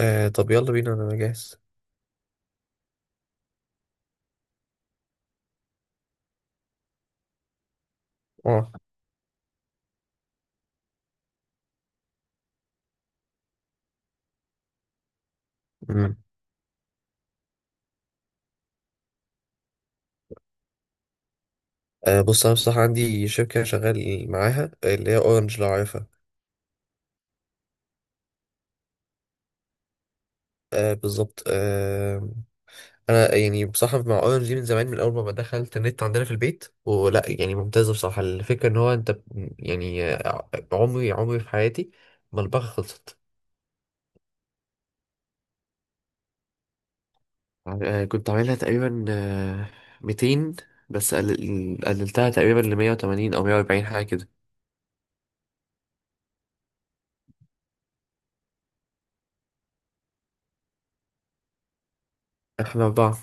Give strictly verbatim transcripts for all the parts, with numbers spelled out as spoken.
آه، طب يلا بينا انا جاهز. اه. مم. آه بص، انا بصراحه عندي شركه شغال معاها اللي هي اورنج، لو عارفها. آه، بالظبط آه. انا يعني بصراحه مع اورنج دي من زمان، من اول ما دخلت النت عندنا في البيت، ولا يعني ممتازه بصراحه. الفكره ان هو انت ب- يعني آه، عمري عمري في حياتي ما الباقه خلصت. آه، كنت عاملها تقريبا آه، مئتين، بس قلل- قللتها تقريبا ل مية وتمانين او مية واربعين، حاجه كده. احنا اربعه.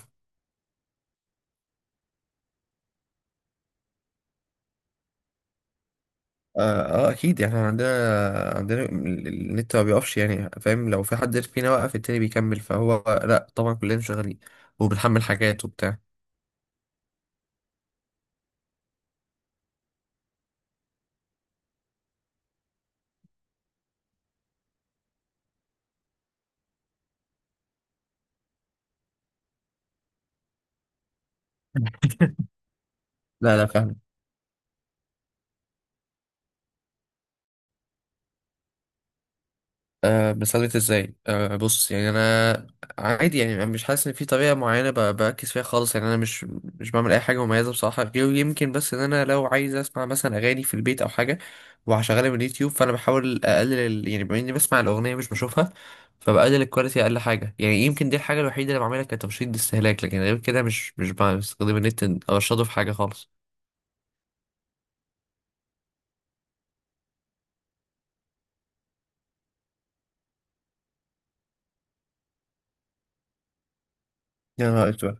اه آه، اكيد. يعني احنا عندنا عندنا ال- ال- النت ما بيقفش، يعني فاهم؟ لو في حد فينا وقف، التاني بيكمل، فهو لا طبعا كلنا شغالين وبنحمل حاجات وبتاع. لا لا، فاهم. أه بثبت ازاي؟ أه بص، يعني انا عادي يعني، انا مش حاسس ان في طريقه معينه ب- بركز فيها خالص، يعني انا مش مش بعمل اي حاجه مميزه بصراحه، غير يمكن بس ان انا لو عايز اسمع مثلا اغاني في البيت او حاجه وهشغلها من اليوتيوب، فانا بحاول اقلل ال- يعني بما اني بسمع الاغنيه مش بشوفها، فبقلل الكواليتي اقل حاجه. يعني يمكن دي الحاجه الوحيده اللي بعملها كترشيد استهلاك، لكن غير كده مش مش بستخدم النت، ارشده في حاجه خالص. يا نهار أسود.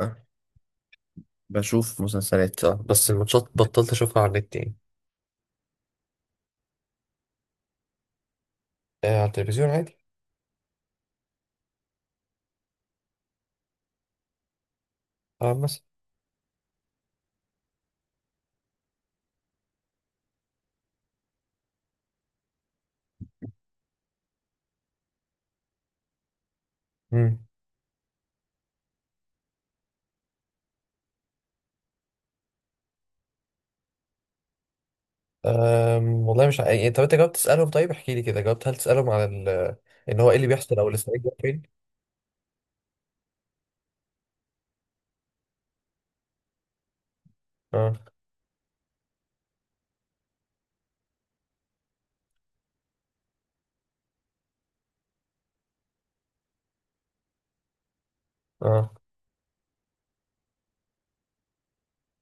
أه، بشوف مسلسلات اه، بس الماتشات بطلت أشوفها على النت يعني. آه، على التلفزيون عادي. اه بس. مم. أم، والله مش عارف. طب انت جاوبت تسألهم؟ طيب احكي لي كده، جاوبت هل تسألهم على ال...؟ ان هو ايه اللي بيحصل، او الاسرائيلي بيروح فين؟ اه. اه،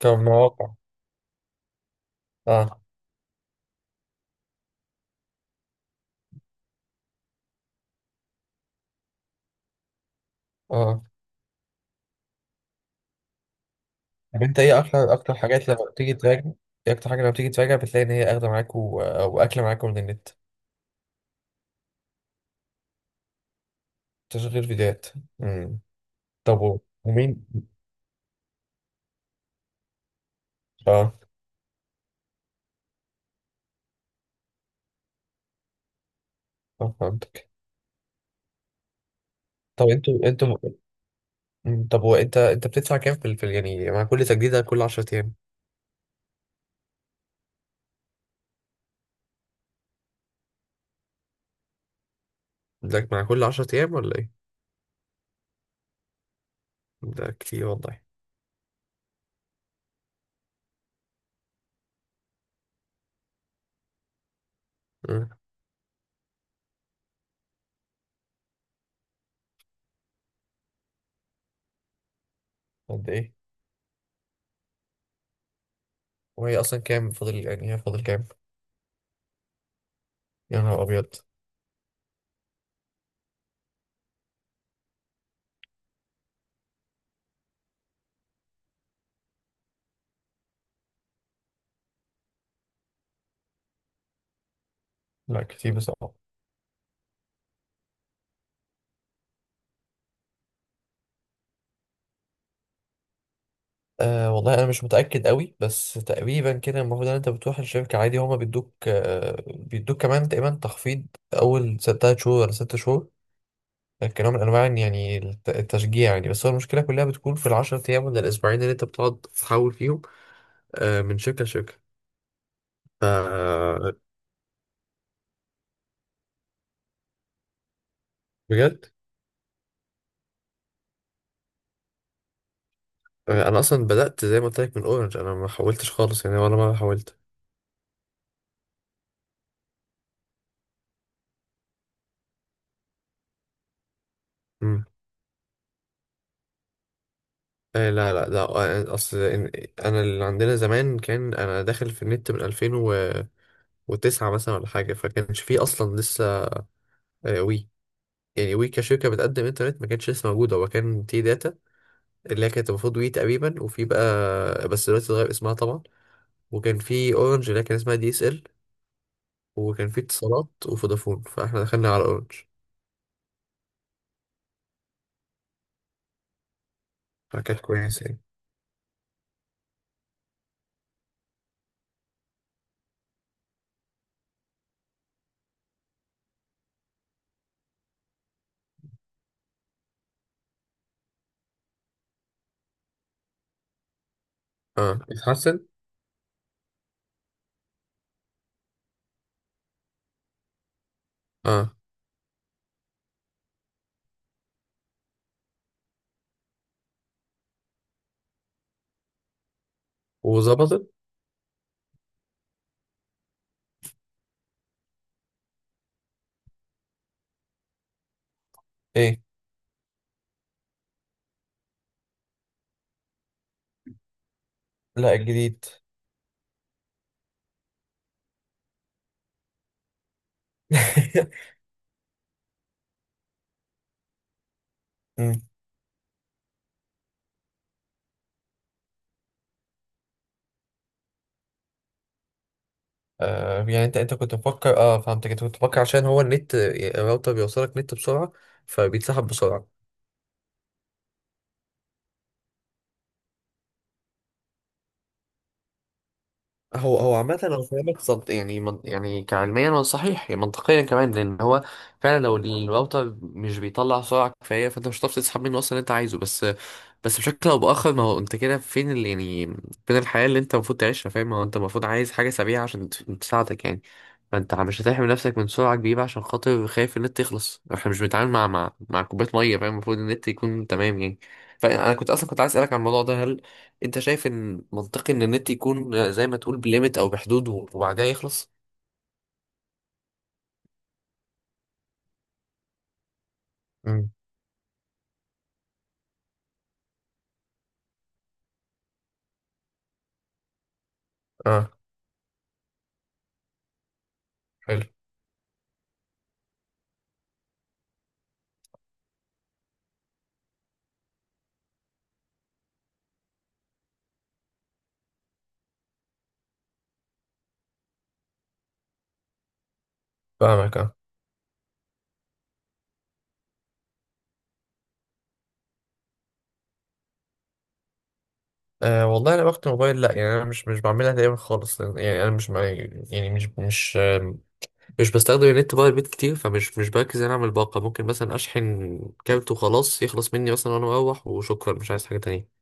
كمواقع. اه. اه. طب انت ايه اكتر اكتر حاجات لما بتيجي تراجع؟ ايه اكتر حاجة لما بتيجي تراجع بتلاقي ان هي اخدة معاك و... او اكلة معاك من النت؟ تشغيل فيديوهات. امم. طب و... ومين؟ اه. اه، فهمتك. طب انتوا انتوا. مم. طب وانت انت بتدفع كام في الفل، يعني مع كل تجديدة كل عشر ايام؟ ده مع كل عشر ايام ولا ايه؟ ده كتير والله. مم. قد ايه؟ وهي اصلا كام فاضل؟ يعني هي فاضل كام؟ يا نهار ابيض. لا كتير بصراحة. آه، والله انا مش متاكد قوي، بس تقريبا كده المفروض ان انت بتروح الشركه عادي، هما بيدوك آه بيدوك كمان تقريبا تخفيض اول ست- تلات شهور ولا ست شهور، كنوع من انواع إن يعني الت- التشجيع يعني. بس هو المشكله كلها بتكون في العشر ايام ولا الاسبوعين اللي انت بتقعد تحول فيهم آه من شركه لشركه. ف... بجد. آه، انا اصلا بدات زي ما قلت لك من اورنج، انا ما حولتش خالص يعني، ولا مره حولت. آه، لا لا لا، آه، يعني اصل إن- انا اللي عندنا زمان، كان انا داخل في النت من ألفين وتسعة مثلا ولا حاجه، فكانش فيه اصلا لسه آه، وي. يعني وي كشركه بتقدم انترنت ما كانتش لسه موجوده، هو كان تي داتا، اللي هي كانت المفروض وي تقريبا، وفي بقى بس دلوقتي اتغير اسمها طبعا. وكان في اورنج اللي هي كان اسمها دي اس ال، وكان في اتصالات وفودافون، فاحنا دخلنا على اورنج، فكانت كويسه يعني. اه، اتحسن. اه، وظبطت. ايه؟ لا، الجديد. آه، يعني انت انت كنت مفكر، اه فهمتك، انت كنت مفكر عشان هو النت الراوتر بيوصلك نت بسرعة فبيتسحب بسرعة. هو هو عامة انا فاهمك صد، يعني من يعني، كعلميا هو صحيح يعني، منطقيا كمان، لان هو فعلا لو الراوتر مش بيطلع سرعة كفاية، فانت مش هتعرف تسحب منه اصلا اللي انت عايزه. بس بس بشكل او باخر، ما هو انت كده فين اللي يعني، فين الحياه اللي انت المفروض تعيشها؟ فاهم؟ ما هو انت المفروض عايز حاجه سريعه عشان ت- تساعدك يعني، فانت مش هتحمي نفسك من سرعه كبيره عشان خاطر خايف النت يخلص. احنا مش بنتعامل مع مع مع كوبايه ميه، فاهم؟ المفروض النت يكون تمام يعني. فانا كنت اصلا كنت عايز اسالك عن الموضوع ده: هل انت شايف ان منطقي ان النت يكون زي ما تقول بليمت او بحدود، وبعدها يخلص؟ امم. اه. حلو. فاهمك اه. آه، والله انا وقت الموبايل لا، يعني انا مش مش بعملها دايما خالص، يعني انا مش مع- يعني مش مش مش بستخدم النت بقى البيت كتير، فمش مش بركز إن انا اعمل باقة. ممكن مثلا اشحن كارت وخلاص، يخلص مني مثلا وانا مروح، وشكرا مش عايز حاجة تانية.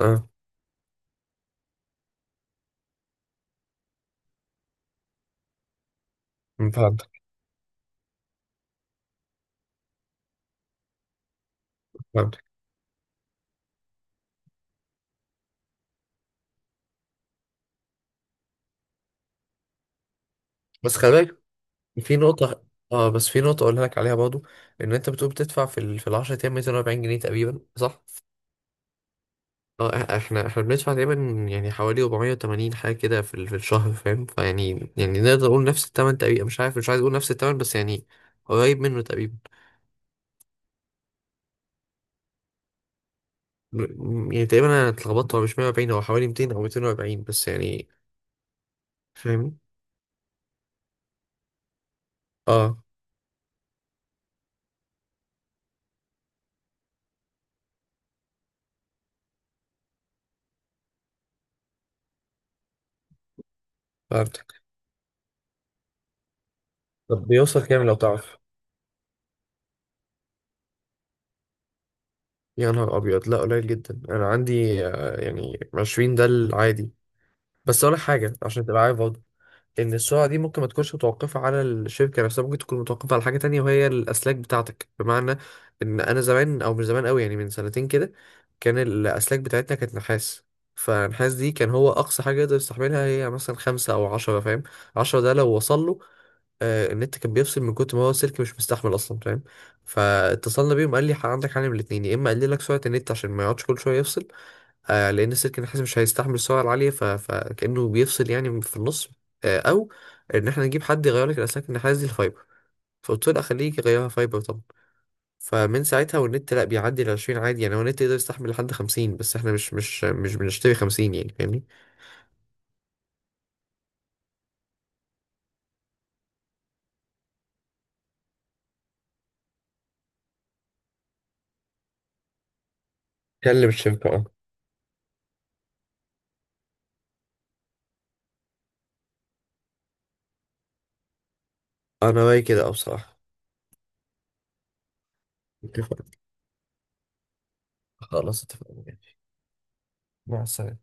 اه فهمتك. فهمتك. بس خلي بالك في نقطة، اه بس في نقطة اقولها لك عليها برضو، ان انت بتقول بتدفع في ال... في ال عشر ايام مئتين واربعين جنيه تقريبا، صح؟ اه، إح- احنا احنا بندفع تقريبا يعني حوالي اربعمية وتمانين حاجة كده في ال... في الشهر، فاهم؟ فيعني يعني نقدر نقول نفس التمن تقريبا، مش عارف، مش عايز اقول نفس التمن بس يعني قريب منه تقريبا. م- يعني تقريبا انا اتلخبطت، هو مش مية واربعين، هو حوالي مئتين او مئتين واربعين بس يعني، فاهمني؟ اه فهمتك. طب بيوصل كام لو تعرف؟ يا نهار ابيض، لا قليل جدا. انا عندي آه، يعني عشرين ده العادي. بس اقول لك حاجه عشان تبقى عارف برضه، ان السرعه دي ممكن ما تكونش متوقفه على الشركه نفسها، ممكن تكون متوقفه على حاجه تانية، وهي الاسلاك بتاعتك. بمعنى ان انا زمان، او مش زمان قوي يعني، من سنتين كده، كان الاسلاك بتاعتنا كانت نحاس. فالنحاس دي كان هو اقصى حاجه يقدر يستحملها هي مثلا خمسة او عشرة، فاهم؟ عشرة ده لو وصل له، آه، النت كان بيفصل من كتر ما هو السلك مش مستحمل اصلا، فاهم؟ فاتصلنا بيهم، قال لي: "ح- عندك حل من الاتنين، يا اما اقلل لك سرعه النت عشان ما يقعدش كل شويه يفصل، آه، لان السلك النحاس مش هيستحمل السعر العاليه ف... فكانه بيفصل يعني في النص، آه، او ان احنا نجيب حد يغير لك الاسلاك النحاس دي الفايبر". فقلت له لا، خليه يغيرها فايبر طبعا. فمن ساعتها والنت لا بيعدي ال عشرين عادي، يعني هو النت يقدر يستحمل لحد خمسين، بس احنا مش مش مش بنشتري خمسين يعني، فاهمني؟ كلم الشركه اه. انا رايي كده اه، بصراحه. اتفقنا، خلاص اتفقنا. مع السلامة.